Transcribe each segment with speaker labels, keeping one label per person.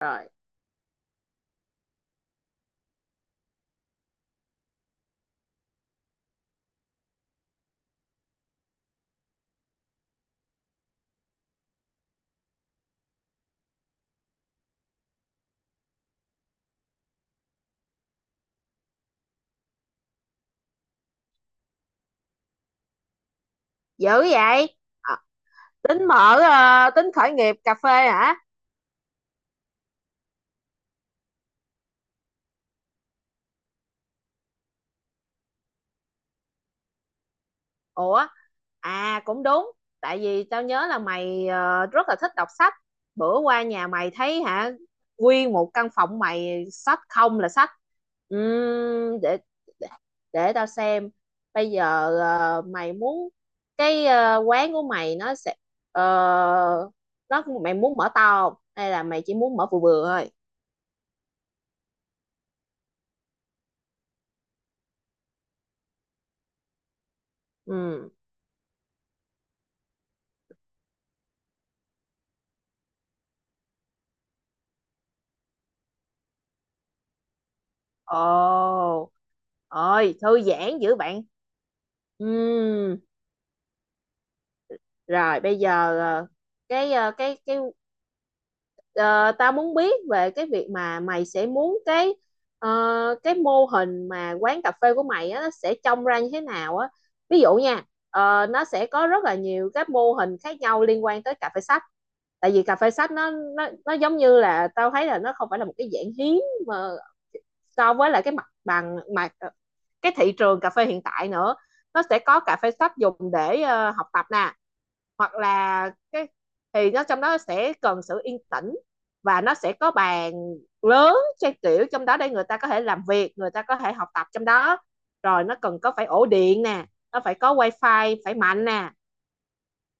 Speaker 1: Rồi, dữ vậy? à, tính khởi nghiệp cà phê hả? Ủa, à cũng đúng, tại vì tao nhớ là mày rất là thích đọc sách. Bữa qua nhà mày thấy hả? Nguyên một căn phòng mày sách không là sách. Ừm, để, để để tao xem. Bây giờ mày muốn cái quán của mày nó sẽ ờ, mày muốn mở to không, hay là mày chỉ muốn mở vừa vừa thôi? Ừ. Ồ, ôi thư giãn dữ bạn. Ừm, rồi bây giờ cái ờ, cái cái ờ, tao muốn biết về cái việc mà mày sẽ muốn ờ, cái mô hình mà quán cà phê của mày á, nó sẽ trông ra như thế nào á. Ví dụ nha, nó sẽ có rất là nhiều các mô hình khác nhau liên quan tới cà phê sách. Tại vì cà phê sách nó giống như là tao thấy là nó không phải là một cái dạng hiếm, mà so với lại cái mặt bằng mà cái thị trường cà phê hiện tại nữa. Nó sẽ có cà phê shop dùng để học tập nè, hoặc là cái, thì nó trong đó sẽ cần sự yên tĩnh, và nó sẽ có bàn lớn, trang kiểu trong đó để người ta có thể làm việc, người ta có thể học tập trong đó. Rồi nó cần có phải ổ điện nè, nó phải có wifi phải mạnh nè.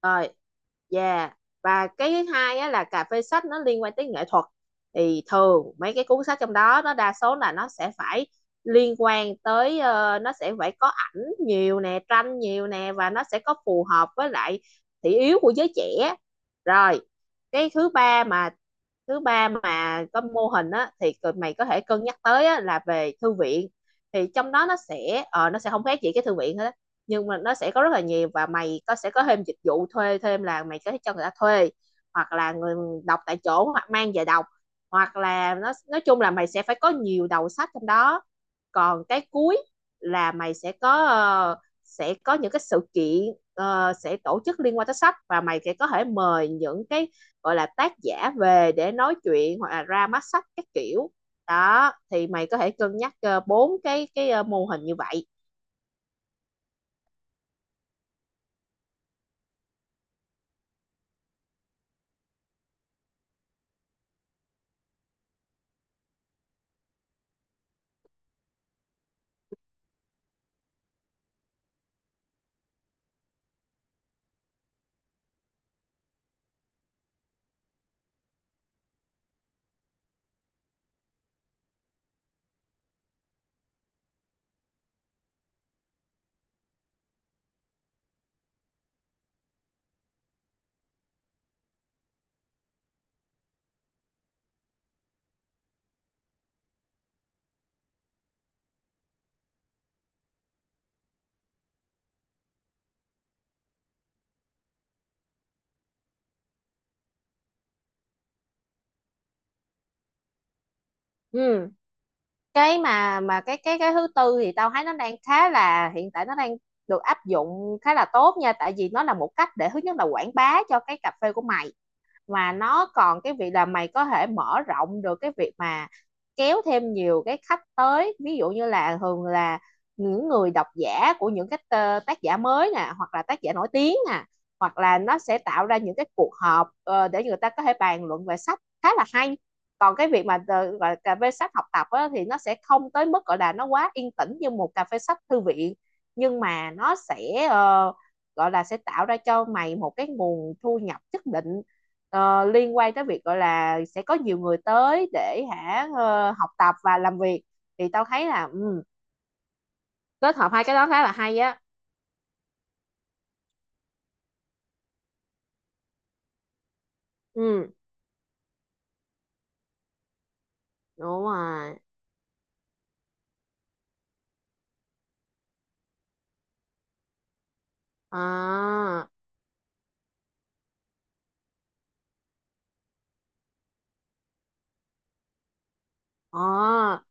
Speaker 1: Rồi, yeah. Và cái thứ hai á, là cà phê sách nó liên quan tới nghệ thuật, thì thường mấy cái cuốn sách trong đó nó đa số là nó sẽ phải liên quan tới, nó sẽ phải có ảnh nhiều nè, tranh nhiều nè, và nó sẽ có phù hợp với lại thị yếu của giới trẻ. Rồi cái thứ ba mà, có mô hình á, thì mày có thể cân nhắc tới á, là về thư viện. Thì trong đó nó sẽ nó sẽ không khác gì cái thư viện hết á. Nhưng mà nó sẽ có rất là nhiều, và mày có sẽ có thêm dịch vụ thuê thêm, là mày có thể cho người ta thuê, hoặc là người đọc tại chỗ, hoặc mang về đọc, hoặc là nó, nói chung là mày sẽ phải có nhiều đầu sách trong đó. Còn cái cuối là mày sẽ có sẽ có những cái sự kiện sẽ tổ chức liên quan tới sách, và mày sẽ có thể mời những cái gọi là tác giả về để nói chuyện, hoặc là ra mắt sách các kiểu. Đó thì mày có thể cân nhắc bốn cái mô hình như vậy. Ừ. cái mà cái thứ tư thì tao thấy nó đang khá là, hiện tại nó đang được áp dụng khá là tốt nha, tại vì nó là một cách để, thứ nhất là quảng bá cho cái cà phê của mày, mà nó còn cái việc là mày có thể mở rộng được cái việc mà kéo thêm nhiều cái khách tới. Ví dụ như là thường là những người độc giả của những cái tác giả mới nè, hoặc là tác giả nổi tiếng nè, hoặc là nó sẽ tạo ra những cái cuộc họp để người ta có thể bàn luận về sách, khá là hay. Còn cái việc mà gọi là cà phê sách học tập á, thì nó sẽ không tới mức gọi là nó quá yên tĩnh như một cà phê sách thư viện, nhưng mà nó sẽ gọi là sẽ tạo ra cho mày một cái nguồn thu nhập nhất định, liên quan tới việc gọi là sẽ có nhiều người tới để hả học tập và làm việc. Thì tao thấy là ừ, kết hợp hai cái đó khá là hay á. Ừ đúng rồi. À, ờ,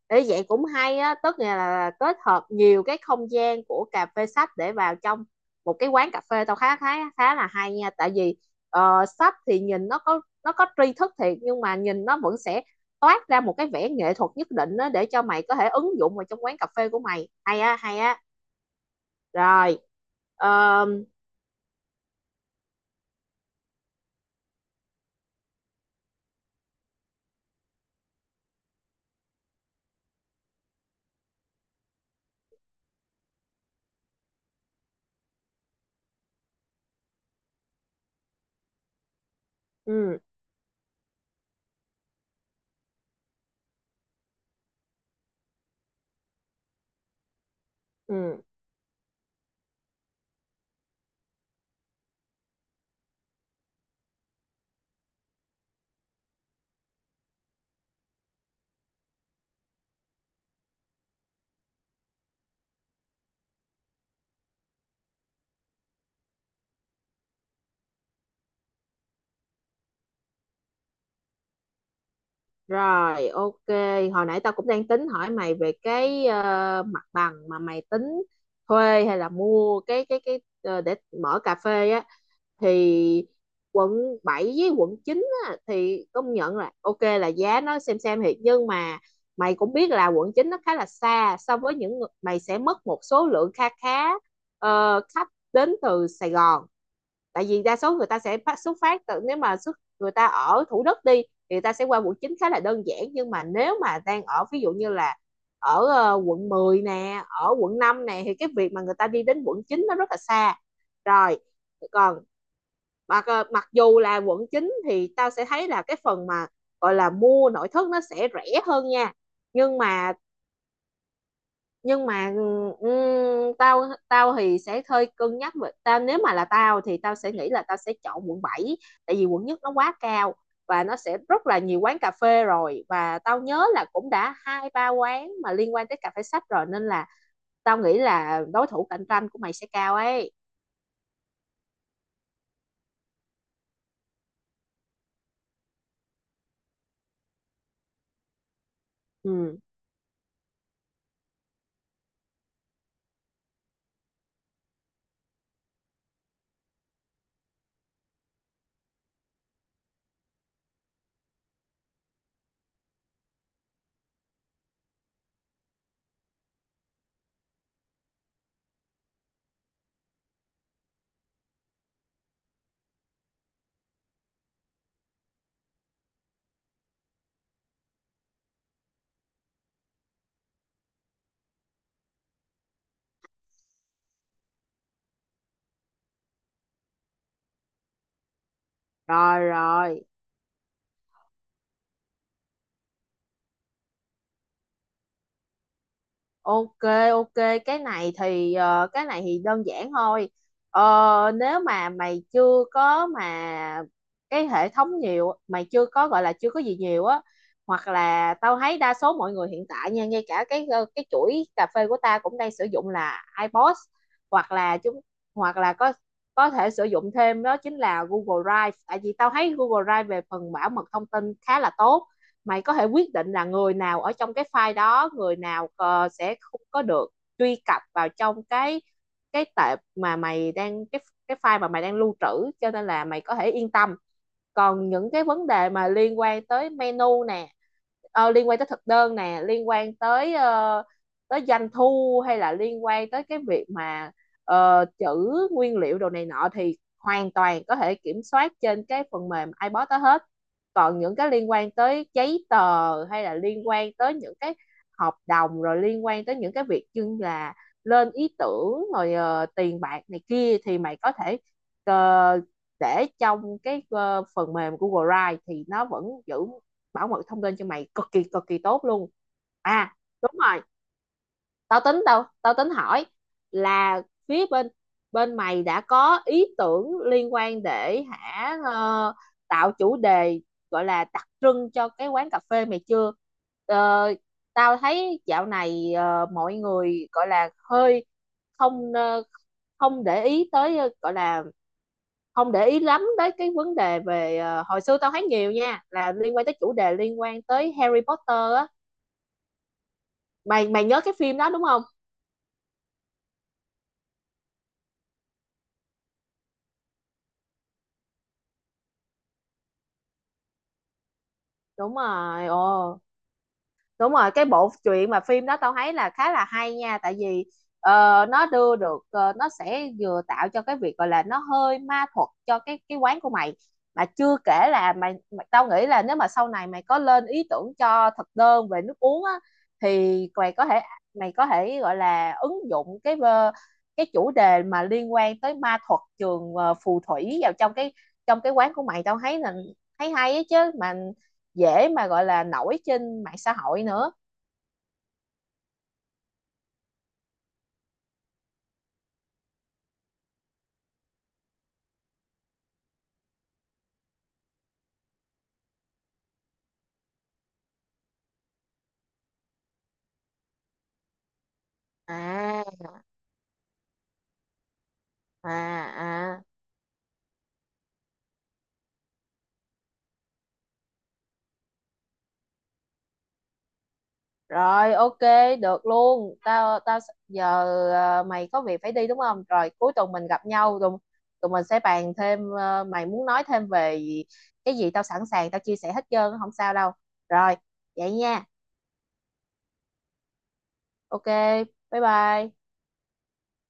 Speaker 1: ý vậy cũng hay á, tức là kết hợp nhiều cái không gian của cà phê sách để vào trong một cái quán cà phê. Tao khá khá khá là hay nha, tại vì sách thì nhìn nó có, nó có tri thức thiệt, nhưng mà nhìn nó vẫn sẽ toát ra một cái vẻ nghệ thuật nhất định á, để cho mày có thể ứng dụng vào trong quán cà phê của mày. Hay á, hay á. Rồi. Ờ, ừ, ừ. Rồi, ok. Hồi nãy tao cũng đang tính hỏi mày về cái mặt bằng mà mày tính thuê hay là mua cái để mở cà phê á. Thì quận 7 với quận 9 á, thì công nhận là ok, là giá nó xem thiệt, nhưng mà mày cũng biết là quận 9 nó khá là xa, so với những mày sẽ mất một số lượng kha khá khách đến từ Sài Gòn. Tại vì đa số người ta sẽ xuất phát từ, nếu mà người ta ở Thủ Đức đi thì người ta sẽ qua quận 9 khá là đơn giản, nhưng mà nếu mà đang ở ví dụ như là ở quận 10 nè, ở quận 5 nè, thì cái việc mà người ta đi đến quận 9 nó rất là xa. Rồi, còn mặc mặc dù là quận 9 thì tao sẽ thấy là cái phần mà gọi là mua nội thất nó sẽ rẻ hơn nha. Nhưng mà, nhưng mà tao tao thì sẽ hơi cân nhắc về, tao nếu mà là tao thì tao sẽ nghĩ là tao sẽ chọn quận bảy, tại vì quận nhất nó quá cao, và nó sẽ rất là nhiều quán cà phê rồi, và tao nhớ là cũng đã hai ba quán mà liên quan tới cà phê sách rồi, nên là tao nghĩ là đối thủ cạnh tranh của mày sẽ cao ấy. Ừ. Rồi rồi. Ok, ok, cái này thì cái này thì đơn giản thôi. Nếu mà mày chưa có mà cái hệ thống nhiều, mày chưa có gọi là chưa có gì nhiều á, hoặc là tao thấy đa số mọi người hiện tại nha, ngay cả cái cái chuỗi cà phê của ta cũng đang sử dụng là iPods, hoặc là chúng, hoặc là có thể sử dụng thêm đó chính là Google Drive, tại vì tao thấy Google Drive về phần bảo mật thông tin khá là tốt. Mày có thể quyết định là người nào ở trong cái file đó, người nào sẽ không có được truy cập vào trong cái tệp mà mày đang, cái file mà mày đang lưu trữ, cho nên là mày có thể yên tâm. Còn những cái vấn đề mà liên quan tới menu nè, liên quan tới thực đơn nè, liên quan tới tới doanh thu, hay là liên quan tới cái việc mà chữ nguyên liệu đồ này nọ, thì hoàn toàn có thể kiểm soát trên cái phần mềm iBot đó hết. Còn những cái liên quan tới giấy tờ, hay là liên quan tới những cái hợp đồng, rồi liên quan tới những cái việc như là lên ý tưởng, rồi tiền bạc này kia, thì mày có thể ờ, để trong cái phần mềm của Google Drive, thì nó vẫn giữ bảo mật thông tin cho mày cực kỳ tốt luôn. À, đúng rồi. Tao tính hỏi là, phía bên, bên mày đã có ý tưởng liên quan để hả tạo chủ đề gọi là đặc trưng cho cái quán cà phê mày chưa? Ờ, tao thấy dạo này mọi người gọi là hơi không không để ý tới, gọi là không để ý lắm tới cái vấn đề về. Ờ, Hồi xưa tao thấy nhiều nha, là liên quan tới chủ đề, liên quan tới Harry Potter á. Mày, mày nhớ cái phim đó đúng không? Đúng rồi, ồ, đúng rồi, cái bộ truyện mà phim đó tao thấy là khá là hay nha, tại vì nó đưa được nó sẽ vừa tạo cho cái việc gọi là nó hơi ma thuật cho cái quán của mày. Mà chưa kể là mày tao nghĩ là nếu mà sau này mày có lên ý tưởng cho thực đơn về nước uống á, thì mày có thể gọi là ứng dụng cái cái chủ đề mà liên quan tới ma thuật trường phù thủy vào trong trong cái quán của mày. Tao thấy là thấy hay á chứ, mà dễ mà gọi là nổi trên mạng xã hội nữa. À, à, à, rồi, ok, được luôn. Tao tao giờ, à, mày có việc phải đi đúng không? Rồi cuối tuần mình gặp nhau, tụi mình sẽ bàn thêm. Ờ, Mày muốn nói thêm về cái gì, tao sẵn sàng tao chia sẻ hết trơn, không sao đâu. Rồi, vậy nha. Ok, bye bye.